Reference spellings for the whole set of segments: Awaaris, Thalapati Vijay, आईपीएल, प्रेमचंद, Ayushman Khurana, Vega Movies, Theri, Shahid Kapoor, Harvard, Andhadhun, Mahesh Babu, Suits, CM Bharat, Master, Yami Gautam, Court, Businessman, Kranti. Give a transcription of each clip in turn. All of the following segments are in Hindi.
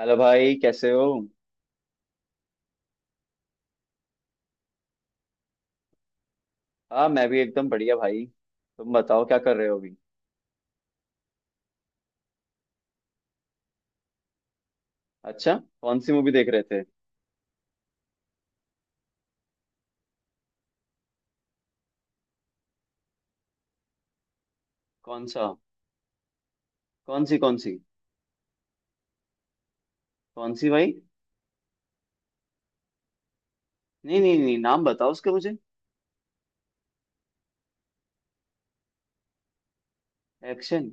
हेलो भाई, कैसे हो? हाँ, मैं भी एकदम बढ़िया भाई। तुम बताओ, क्या कर रहे हो अभी? अच्छा, कौन सी मूवी देख रहे थे? कौन सा, कौन सी कौन सी? कौन सी भाई? नहीं नहीं नहीं, नाम बताओ उसका मुझे। एक्शन,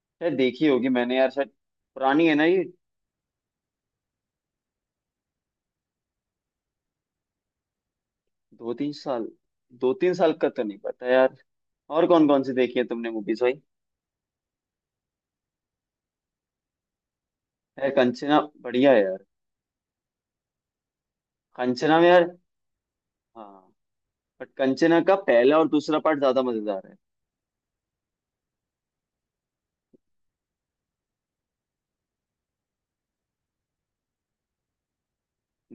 शायद देखी होगी मैंने यार, शायद। पुरानी है ना ये? दो तीन साल, दो तीन साल का तो नहीं पता यार। और कौन कौन सी देखी है तुमने मूवीज भाई? यार कंचना बढ़िया है यार। कंचना में यार, हाँ, बट कंचना का पहला और दूसरा पार्ट ज्यादा मजेदार है।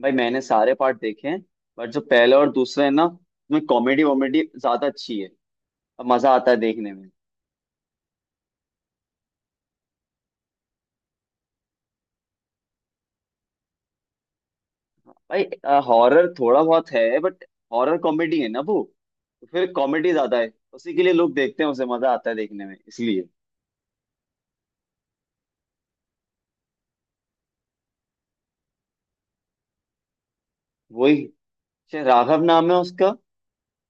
भाई मैंने सारे पार्ट देखे हैं, बट जो पहला और दूसरा है ना उसमें कॉमेडी वॉमेडी ज्यादा अच्छी है और मजा आता है देखने में। भाई हॉरर थोड़ा बहुत है बट, हॉरर कॉमेडी है ना वो, तो फिर कॉमेडी ज्यादा है, उसी के लिए लोग देखते हैं, उसे मजा आता है देखने में इसलिए। वही, शायद राघव नाम है उसका,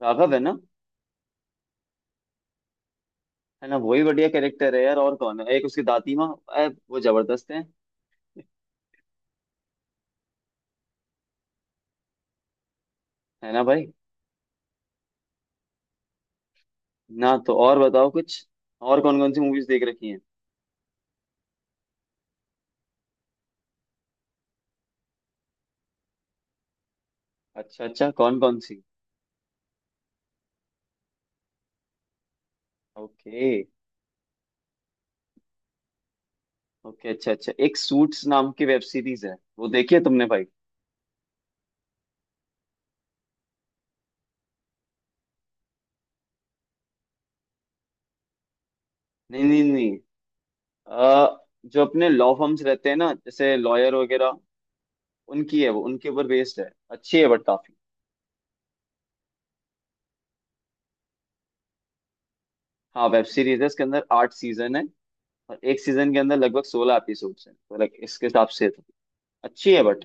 राघव है ना? है ना, वही बढ़िया कैरेक्टर है यार। और कौन है, एक उसकी दादी माँ, वो जबरदस्त है। है ना भाई? ना तो और बताओ कुछ, और कौन कौन सी मूवीज देख रखी हैं? अच्छा अच्छा, कौन कौन सी? ओके, ओके, अच्छा अच्छा, एक सूट्स नाम की वेब सीरीज है, वो देखी है तुमने भाई? नहीं नहीं नहीं, जो अपने लॉ फर्म्स रहते हैं ना, जैसे लॉयर वगैरह, उनकी है वो, उनके ऊपर बेस्ड है। अच्छी है बट काफी। हाँ, वेब सीरीज है, इसके अंदर 8 सीजन है और एक सीजन के अंदर लगभग 16 एपिसोड्स हैं, तो like इसके हिसाब से तो अच्छी है बट।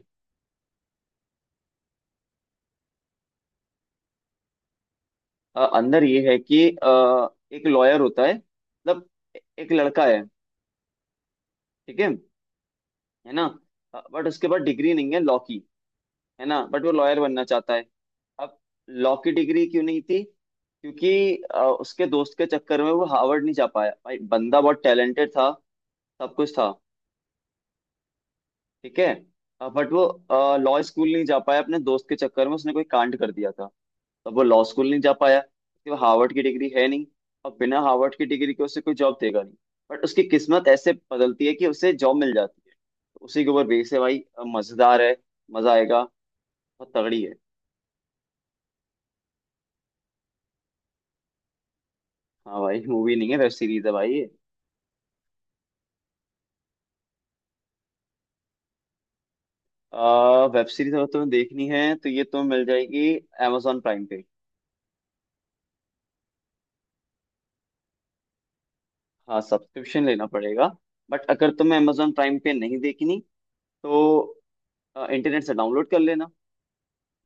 अंदर ये है कि एक लॉयर होता है, मतलब एक लड़का है, ठीक है ना, बट उसके पास डिग्री नहीं है लॉ की, है ना, बट वो लॉयर बनना चाहता है। अब, लॉ की डिग्री क्यों नहीं थी, क्योंकि उसके दोस्त के चक्कर में वो हार्वर्ड नहीं जा पाया। भाई बंदा बहुत टैलेंटेड था, सब कुछ था, ठीक है, बट वो लॉ स्कूल नहीं जा पाया, अपने दोस्त के चक्कर में उसने कोई कांड कर दिया था, तब वो लॉ स्कूल नहीं जा पाया, क्योंकि वो हार्वर्ड की डिग्री है नहीं, और बिना हार्वर्ड की डिग्री के उसे कोई जॉब देगा नहीं, बट उसकी किस्मत ऐसे बदलती है कि उसे जॉब मिल जाती है। तो उसी के ऊपर बेस है भाई, मजेदार है, मजा आएगा, बहुत तगड़ी है। हाँ भाई, मूवी नहीं है वेब सीरीज है भाई। वेब सीरीज अगर तुम्हें देखनी है तो ये तुम्हें मिल जाएगी amazon प्राइम पे। हाँ, सब्सक्रिप्शन लेना पड़ेगा, बट अगर तुम्हें amazon प्राइम पे नहीं देखनी तो इंटरनेट से डाउनलोड कर लेना।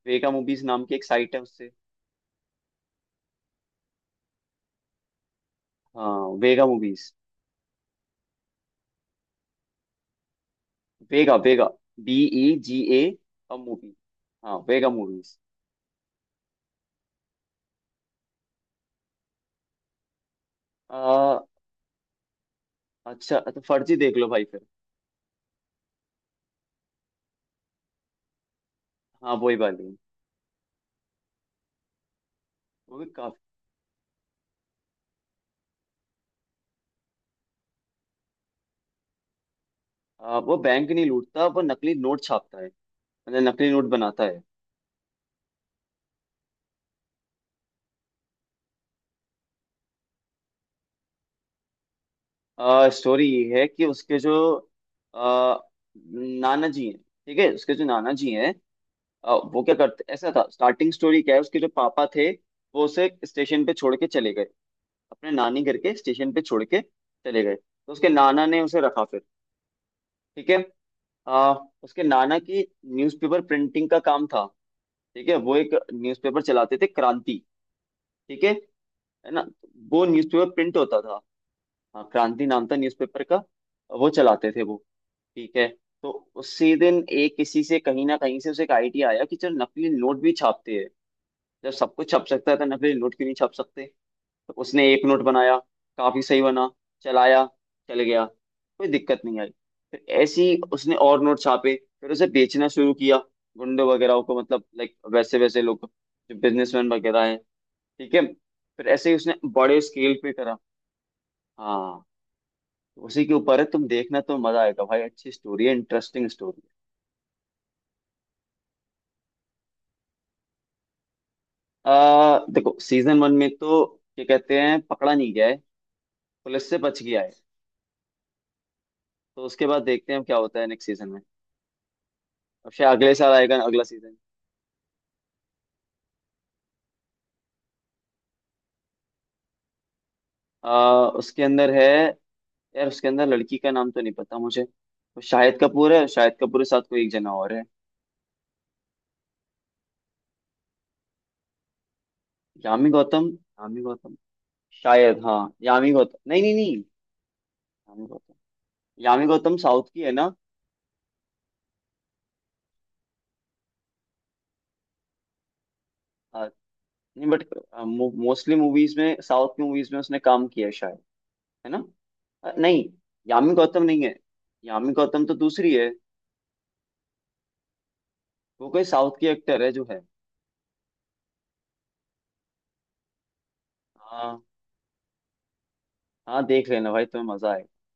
वेगा मूवीज नाम की एक साइट है, उससे। हाँ, वेगा मूवीज। वेगा वेगा, BEGA मूवी। हाँ, वेगा मूवीज। आ, अच्छा तो फर्जी देख लो भाई फिर। हाँ, वही वाली, वो भी काफी। वो बैंक नहीं लूटता, वो नकली नोट छापता है, मतलब नकली नोट बनाता है। स्टोरी ये है कि उसके जो अ, नाना जी हैं, ठीक है, उसके जो नाना जी हैं, वो क्या करते ऐसा था। स्टार्टिंग स्टोरी क्या है, उसके जो पापा थे वो उसे स्टेशन पे छोड़ के चले गए, अपने नानी घर के स्टेशन पे छोड़ के चले गए, तो उसके नाना ने उसे रखा फिर। ठीक है, अ, उसके नाना की न्यूज़पेपर प्रिंटिंग का काम था। ठीक है, वो एक न्यूज़पेपर चलाते थे, क्रांति, ठीक है ना, वो न्यूज़पेपर प्रिंट होता था। हाँ, क्रांति नाम था न्यूज़पेपर का, वो चलाते थे वो, ठीक है। तो उसी दिन एक किसी से, कहीं ना कहीं से उसे एक आइडिया आया कि चल नकली नोट भी छापते हैं। जब सब कुछ छप सकता है तो नकली नोट क्यों नहीं छप सकते? तो उसने एक नोट बनाया, काफी सही बना, चलाया, चल गया, कोई दिक्कत नहीं आई। फिर ऐसे ही उसने और नोट छापे, फिर उसे बेचना शुरू किया, गुंडे वगैरह को, मतलब लाइक वैसे वैसे लोग जो बिजनेसमैन वगैरह हैं, ठीक है, फिर ऐसे ही उसने बड़े स्केल पे करा। हाँ, उसी के ऊपर है। तुम देखना तो मजा आएगा भाई, अच्छी स्टोरी है, इंटरेस्टिंग स्टोरी। देखो सीजन वन में तो क्या कहते हैं, पकड़ा नहीं गया है, पुलिस से बच गया है। तो उसके बाद देखते हैं क्या होता है नेक्स्ट सीजन में। अब शायद अगले साल आएगा अगला सीजन। उसके अंदर है, यार उसके अंदर लड़की का नाम तो नहीं पता मुझे। वो शाहिद कपूर है, शाहिद कपूर के साथ कोई एक जना और है। यामी गौतम, यामी गौतम शायद, हाँ यामी गौतम। नहीं नहीं नहीं, यामी गौतम, यामी गौतम साउथ की है ना? आ, नहीं बट मोस्टली मूवीज में, साउथ की मूवीज में उसने काम किया है ना? नहीं, यामी गौतम नहीं है, यामी गौतम तो दूसरी है, वो कोई साउथ की एक्टर है जो है। हाँ, हाँ, देख लेना भाई, तुम्हें मजा आएगा।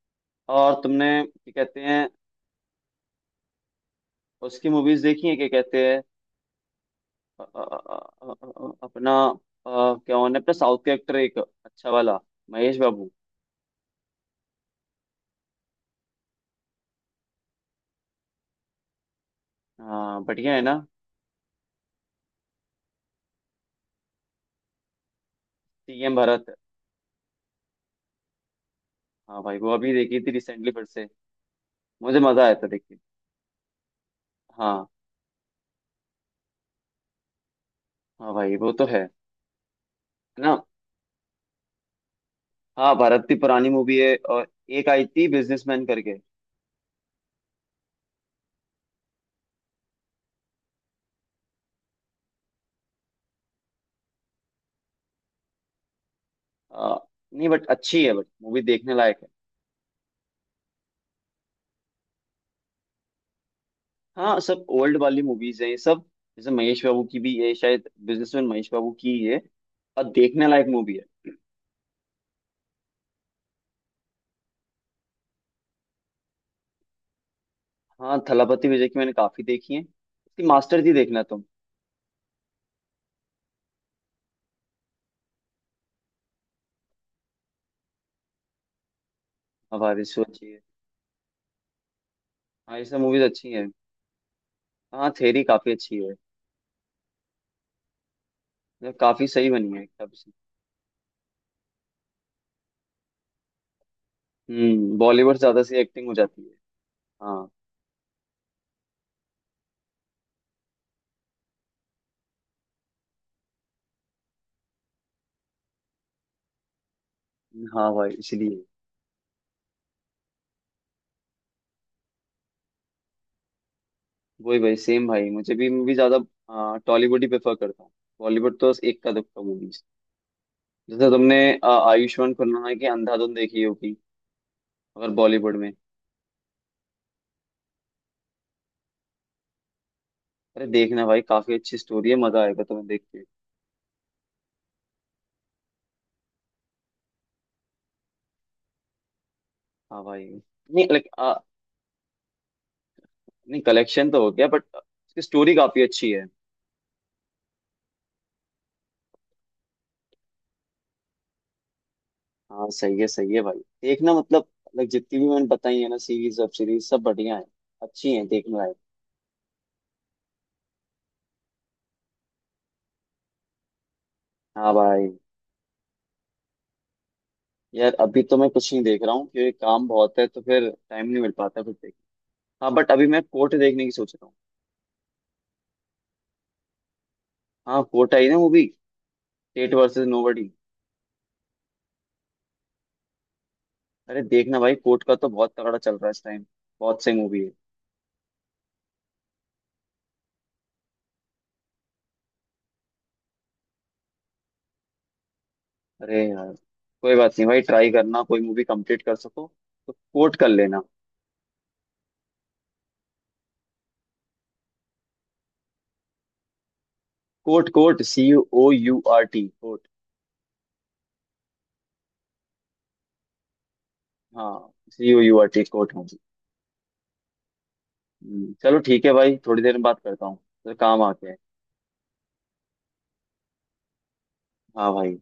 और तुमने क्या कहते हैं, उसकी मूवीज देखी है क्या कहते हैं? अ, अ, अ, अ, अपना क्या होने, अपना साउथ के एक्टर, एक अच्छा वाला, महेश बाबू। हाँ, बढ़िया है ना? सीएम भरत, हाँ भाई, वो अभी देखी थी रिसेंटली फिर से, मुझे मजा आया था देख के। हाँ, हाँ भाई वो तो है ना? हाँ, भारत की पुरानी मूवी है। और एक आई थी बिजनेसमैन करके। आ, नहीं बट अच्छी है, बट मूवी देखने लायक है। हाँ, सब ओल्ड वाली मूवीज हैं ये सब, जैसे महेश बाबू की भी, ये शायद बिजनेसमैन महेश बाबू की ही है। और देखने लायक मूवी है। हाँ, थलापति विजय की मैंने काफी देखी है। इसकी मास्टर जी देखना तुम। आवारिस वो अच्छी है, हाँ ये सब मूवीज अच्छी है। हाँ, थेरी काफी अच्छी है, मतलब काफी सही बनी है, काफी सही। हम्म, बॉलीवुड ज्यादा सी एक्टिंग हो जाती है। हाँ, हाँ भाई, इसलिए वही भाई, सेम भाई, मुझे भी मूवी ज्यादा टॉलीवुड ही प्रेफर करता हूँ। बॉलीवुड तो एक का दुक्का मूवी, जैसे तुमने आयुष्मान खुराना की अंधाधुन देखी होगी अगर बॉलीवुड में। अरे देखना भाई, काफी अच्छी स्टोरी है, मजा आएगा तुम्हें देख के। हाँ भाई, नहीं लाइक, नहीं कलेक्शन तो हो गया बट उसकी स्टोरी काफी अच्छी है। हाँ, सही है भाई। देखना मतलब, लाइक जितनी भी मैंने बताई है ना, सीरीज वेब सीरीज सब बढ़िया है, अच्छी है देखने लायक। हाँ भाई, यार अभी तो मैं कुछ नहीं देख रहा हूँ, क्योंकि काम बहुत है तो फिर टाइम नहीं मिल पाता, फिर देख। हाँ बट अभी मैं कोर्ट देखने की सोच रहा हूँ। हाँ, कोर्ट आई ना मूवी, स्टेट वर्सेस नोबडी। अरे देखना भाई, कोर्ट का तो बहुत तगड़ा चल रहा है इस टाइम, बहुत सही मूवी है। अरे यार कोई बात नहीं भाई, ट्राई करना कोई मूवी कंप्लीट कर सको, तो कोर्ट कर लेना। Court, court, COURT, court. हाँ, COURT कोर्ट होगी। चलो ठीक है भाई, थोड़ी देर में बात करता हूँ, तो काम आ गया है। हाँ भाई।